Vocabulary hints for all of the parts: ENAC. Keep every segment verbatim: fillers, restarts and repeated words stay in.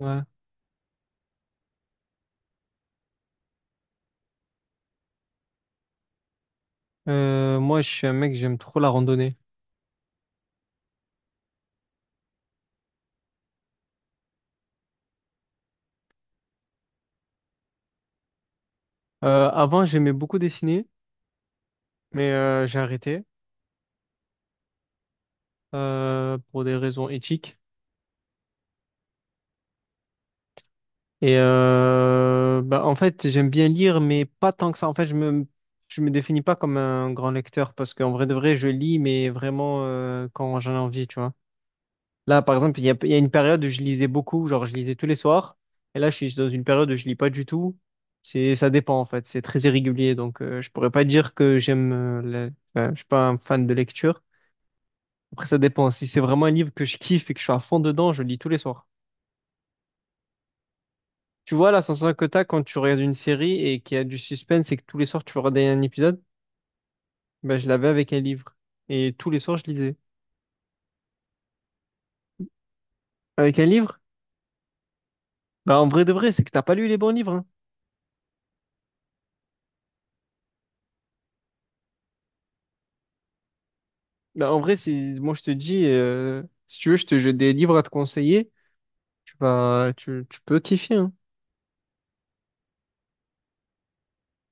Ouais. Euh, moi, je suis un mec, j'aime trop la randonnée. Euh, avant, j'aimais beaucoup dessiner, mais euh, j'ai arrêté euh, pour des raisons éthiques. Et euh, bah, en fait, j'aime bien lire, mais pas tant que ça. En fait, je me, je me définis pas comme un grand lecteur parce qu'en vrai de vrai, je lis, mais vraiment euh, quand j'en ai envie, tu vois. Là, par exemple, il y a, il y a une période où je lisais beaucoup, genre je lisais tous les soirs. Et là, je suis dans une période où je lis pas du tout. C'est, ça dépend en fait, c'est très irrégulier. Donc, euh, je pourrais pas dire que j'aime. euh, la- enfin, je suis pas un fan de lecture. Après, ça dépend. Si c'est vraiment un livre que je kiffe et que je suis à fond dedans, je lis tous les soirs. Tu vois, la sensation que t'as quand tu regardes une série et qu'il y a du suspense et que tous les soirs tu veux regarder un épisode, ben, je l'avais avec un livre. Et tous les soirs, je lisais. Avec un livre? Ben, en vrai de vrai, c'est que t'as pas lu les bons livres. hein. Bah, en vrai, c'est moi je te dis, euh, si tu veux, je te j'ai des livres à te conseiller. Tu vas, tu, tu peux kiffer. hein.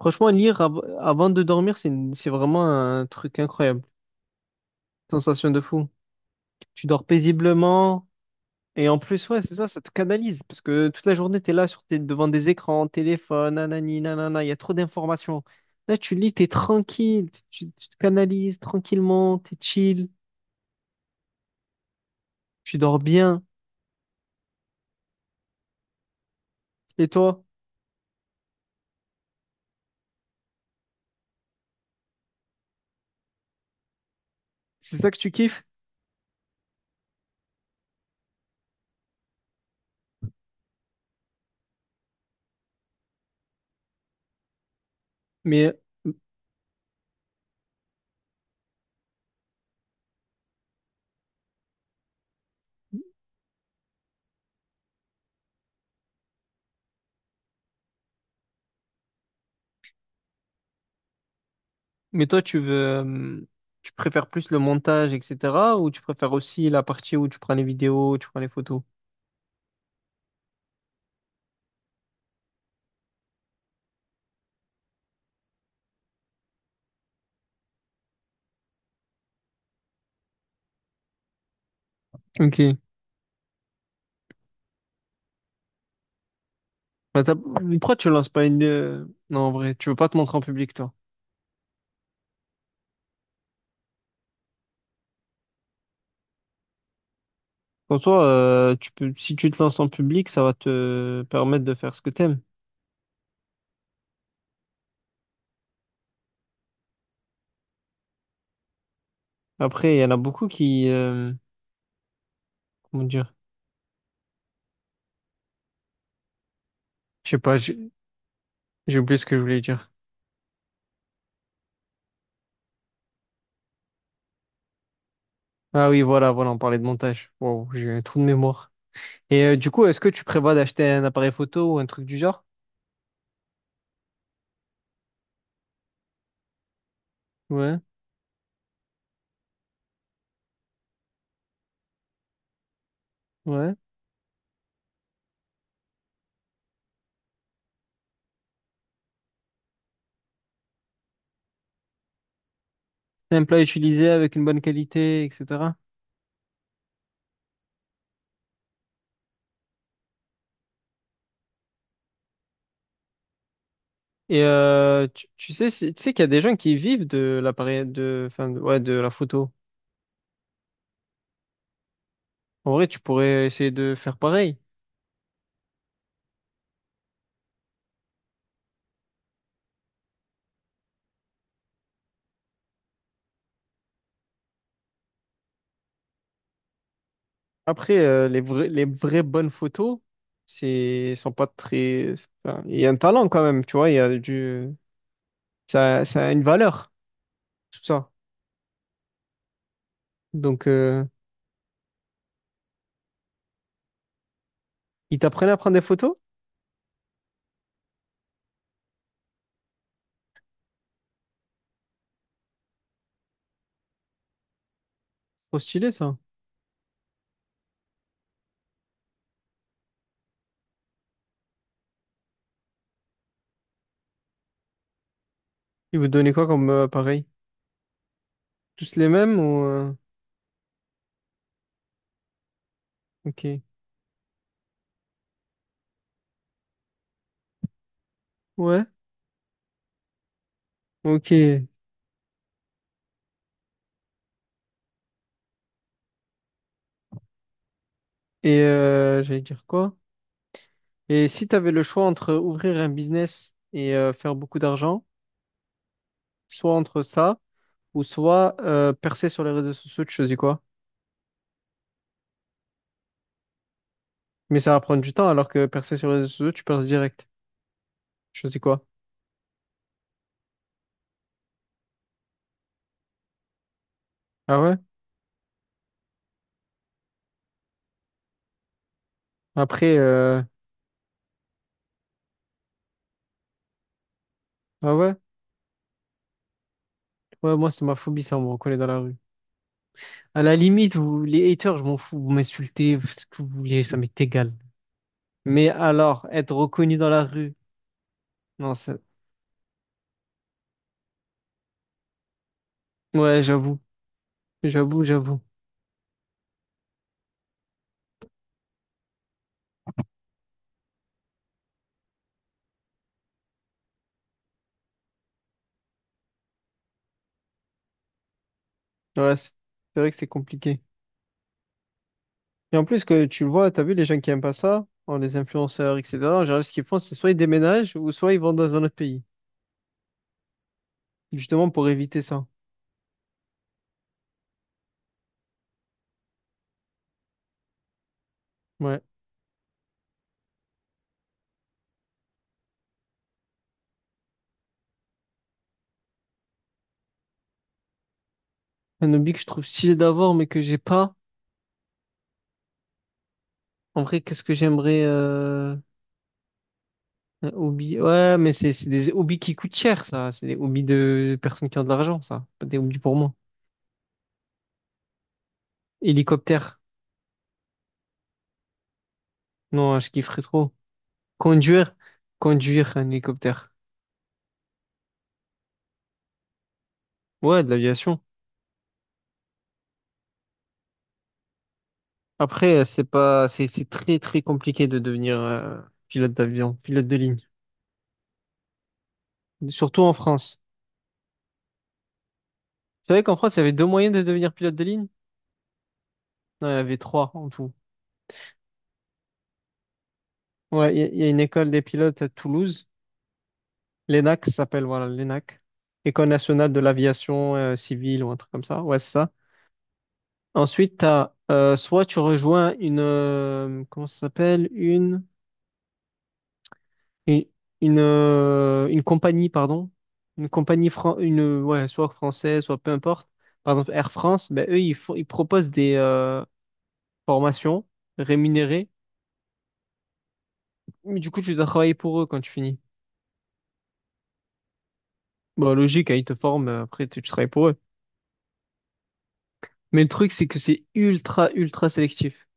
Franchement, lire av- avant de dormir, c'est une- c'est vraiment un truc incroyable. Sensation de fou. Tu dors paisiblement et en plus, ouais, c'est ça, ça te canalise parce que toute la journée, t'es là sur tes, devant des écrans, téléphone, nanani, nanana, il y a trop d'informations. Là, tu lis, t'es tranquille, tu, tu te canalises tranquillement, t'es chill, tu dors bien. Et toi, c'est ça que tu kiffes? Mais Mais toi, tu veux, euh, tu préfères plus le montage, et cetera, ou tu préfères aussi la partie où tu prends les vidéos, tu prends les photos? Ok. Bah, t'as- Pourquoi tu lances pas une... euh, non, en vrai, tu veux pas te montrer en public, toi. Pour toi, euh, tu peux... si tu te lances en public, ça va te permettre de faire ce que t'aimes. Après, il y en a beaucoup qui... euh, comment dire? Je sais pas, j'ai j'ai oublié ce que je voulais dire. Ah oui, voilà, voilà, on parlait de montage. Wow, j'ai un trou de mémoire. Et euh, du coup, est-ce que tu prévois d'acheter un appareil photo ou un truc du genre? Ouais, ouais. C'est un plat utilisé avec une bonne qualité, et cetera. Et euh, tu, tu sais, c'est- tu sais qu'il y a des gens qui vivent de l'appareil, de, enfin, de- ouais, de la photo. En vrai, tu pourrais essayer de faire pareil. Après, euh, les vrais, les vraies bonnes photos, c'est, sont pas très. c'est pas- Il y a un talent quand même, tu vois. Il y a du, ça, ça a une valeur, tout ça. Donc, euh, ils t'apprennent à prendre des photos? Trop stylé ça. Ils vous donnaient quoi comme euh, appareil? Tous les mêmes ou euh, ok. Ouais. Ok. Et euh, j'allais dire quoi? Et si tu avais le choix entre ouvrir un business et euh, faire beaucoup d'argent, soit entre ça, ou soit euh, percer sur les réseaux sociaux, tu choisis quoi? Mais ça va prendre du temps, alors que percer sur les réseaux sociaux, tu perces direct. Tu choisis quoi? Ah ouais? Après, euh, ah ouais? Ouais, moi, c'est ma phobie, ça, on me reconnaît dans la rue. À la limite, vous, les haters, je m'en fous, vous m'insultez, vous- ce que vous voulez, ça m'est égal. Mais alors, être reconnu dans la rue, non, c'est... Ouais, j'avoue, j'avoue, j'avoue. Ouais, c'est c'est vrai que c'est compliqué. Et en plus que tu le vois, t'as vu les gens qui aiment pas ça, oh, les influenceurs, et cetera. En général, ce qu'ils font, c'est soit ils déménagent ou soit ils vont dans un autre pays, justement pour éviter ça. Ouais. Un hobby que je trouve stylé d'avoir, mais que j'ai pas. En vrai, qu'est-ce que j'aimerais euh... un hobby? Ouais, mais c'est c'est des hobbies qui coûtent cher, ça. C'est des hobbies de personnes qui ont de l'argent, ça. Pas des hobbies pour moi. Hélicoptère. Non, je kifferais trop. Conduire. Conduire un hélicoptère. Ouais, de l'aviation. Après, euh, c'est pas, c'est c'est très très compliqué de devenir euh, pilote d'avion, pilote de ligne, surtout en France. Tu savais qu'en France, il y avait deux moyens de devenir pilote de ligne? Non, il y avait trois en tout. Ouais, il y, a il y a une école des pilotes à Toulouse, l'ENAC ça s'appelle, voilà, l'ENAC, École nationale de l'aviation euh, civile ou un truc comme ça. Ouais, c'est ça. Ensuite, t'as, euh, soit tu rejoins une, euh, comment ça s'appelle? Une Et une, euh, une compagnie, pardon, une compagnie, fran- une, ouais, soit française, soit peu importe, par exemple Air France, ben, eux, ils font, ils proposent des euh, formations rémunérées, mais du coup, tu dois travailler pour eux quand tu finis. Bah logique, hein, ils te forment, euh, après, tu, tu travailles pour eux. Mais le truc, c'est que c'est ultra, ultra sélectif.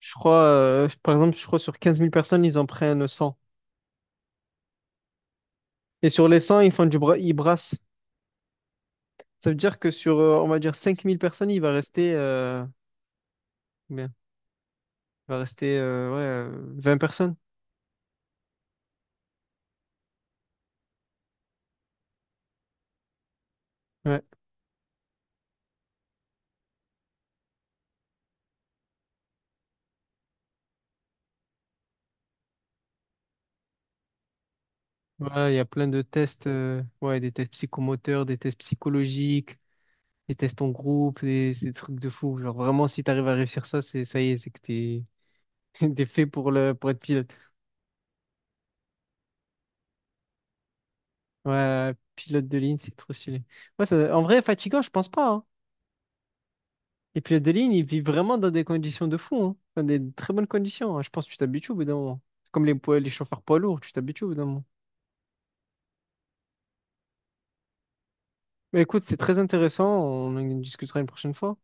Je crois, euh, par exemple, je crois sur quinze mille personnes, ils en prennent cent. Et sur les cent ils font du bra- ils brassent. Ça veut dire que sur, euh, on va dire, cinq mille personnes, il va rester Il va rester euh, ouais, euh, vingt personnes. Ouais. Voilà, il y a plein de tests, euh, ouais, des tests psychomoteurs, des tests psychologiques, des tests en groupe, des, des trucs de fou. Genre vraiment, si tu arrives à réussir ça, c'est ça y est, c'est que t'es t'es fait pour le pour être pilote. Ouais, pilote de ligne, c'est trop stylé. Ouais, ça- en vrai, fatigant, je pense pas, hein. Les pilotes de ligne, ils vivent vraiment dans des conditions de fou, hein. Dans des très bonnes conditions, hein. Je pense que tu t'habitues au bout d'un moment. C'est comme les, poids- les chauffeurs poids lourds, tu t'habitues au bout d'un moment. Mais écoute, c'est très intéressant, on en discutera une prochaine fois.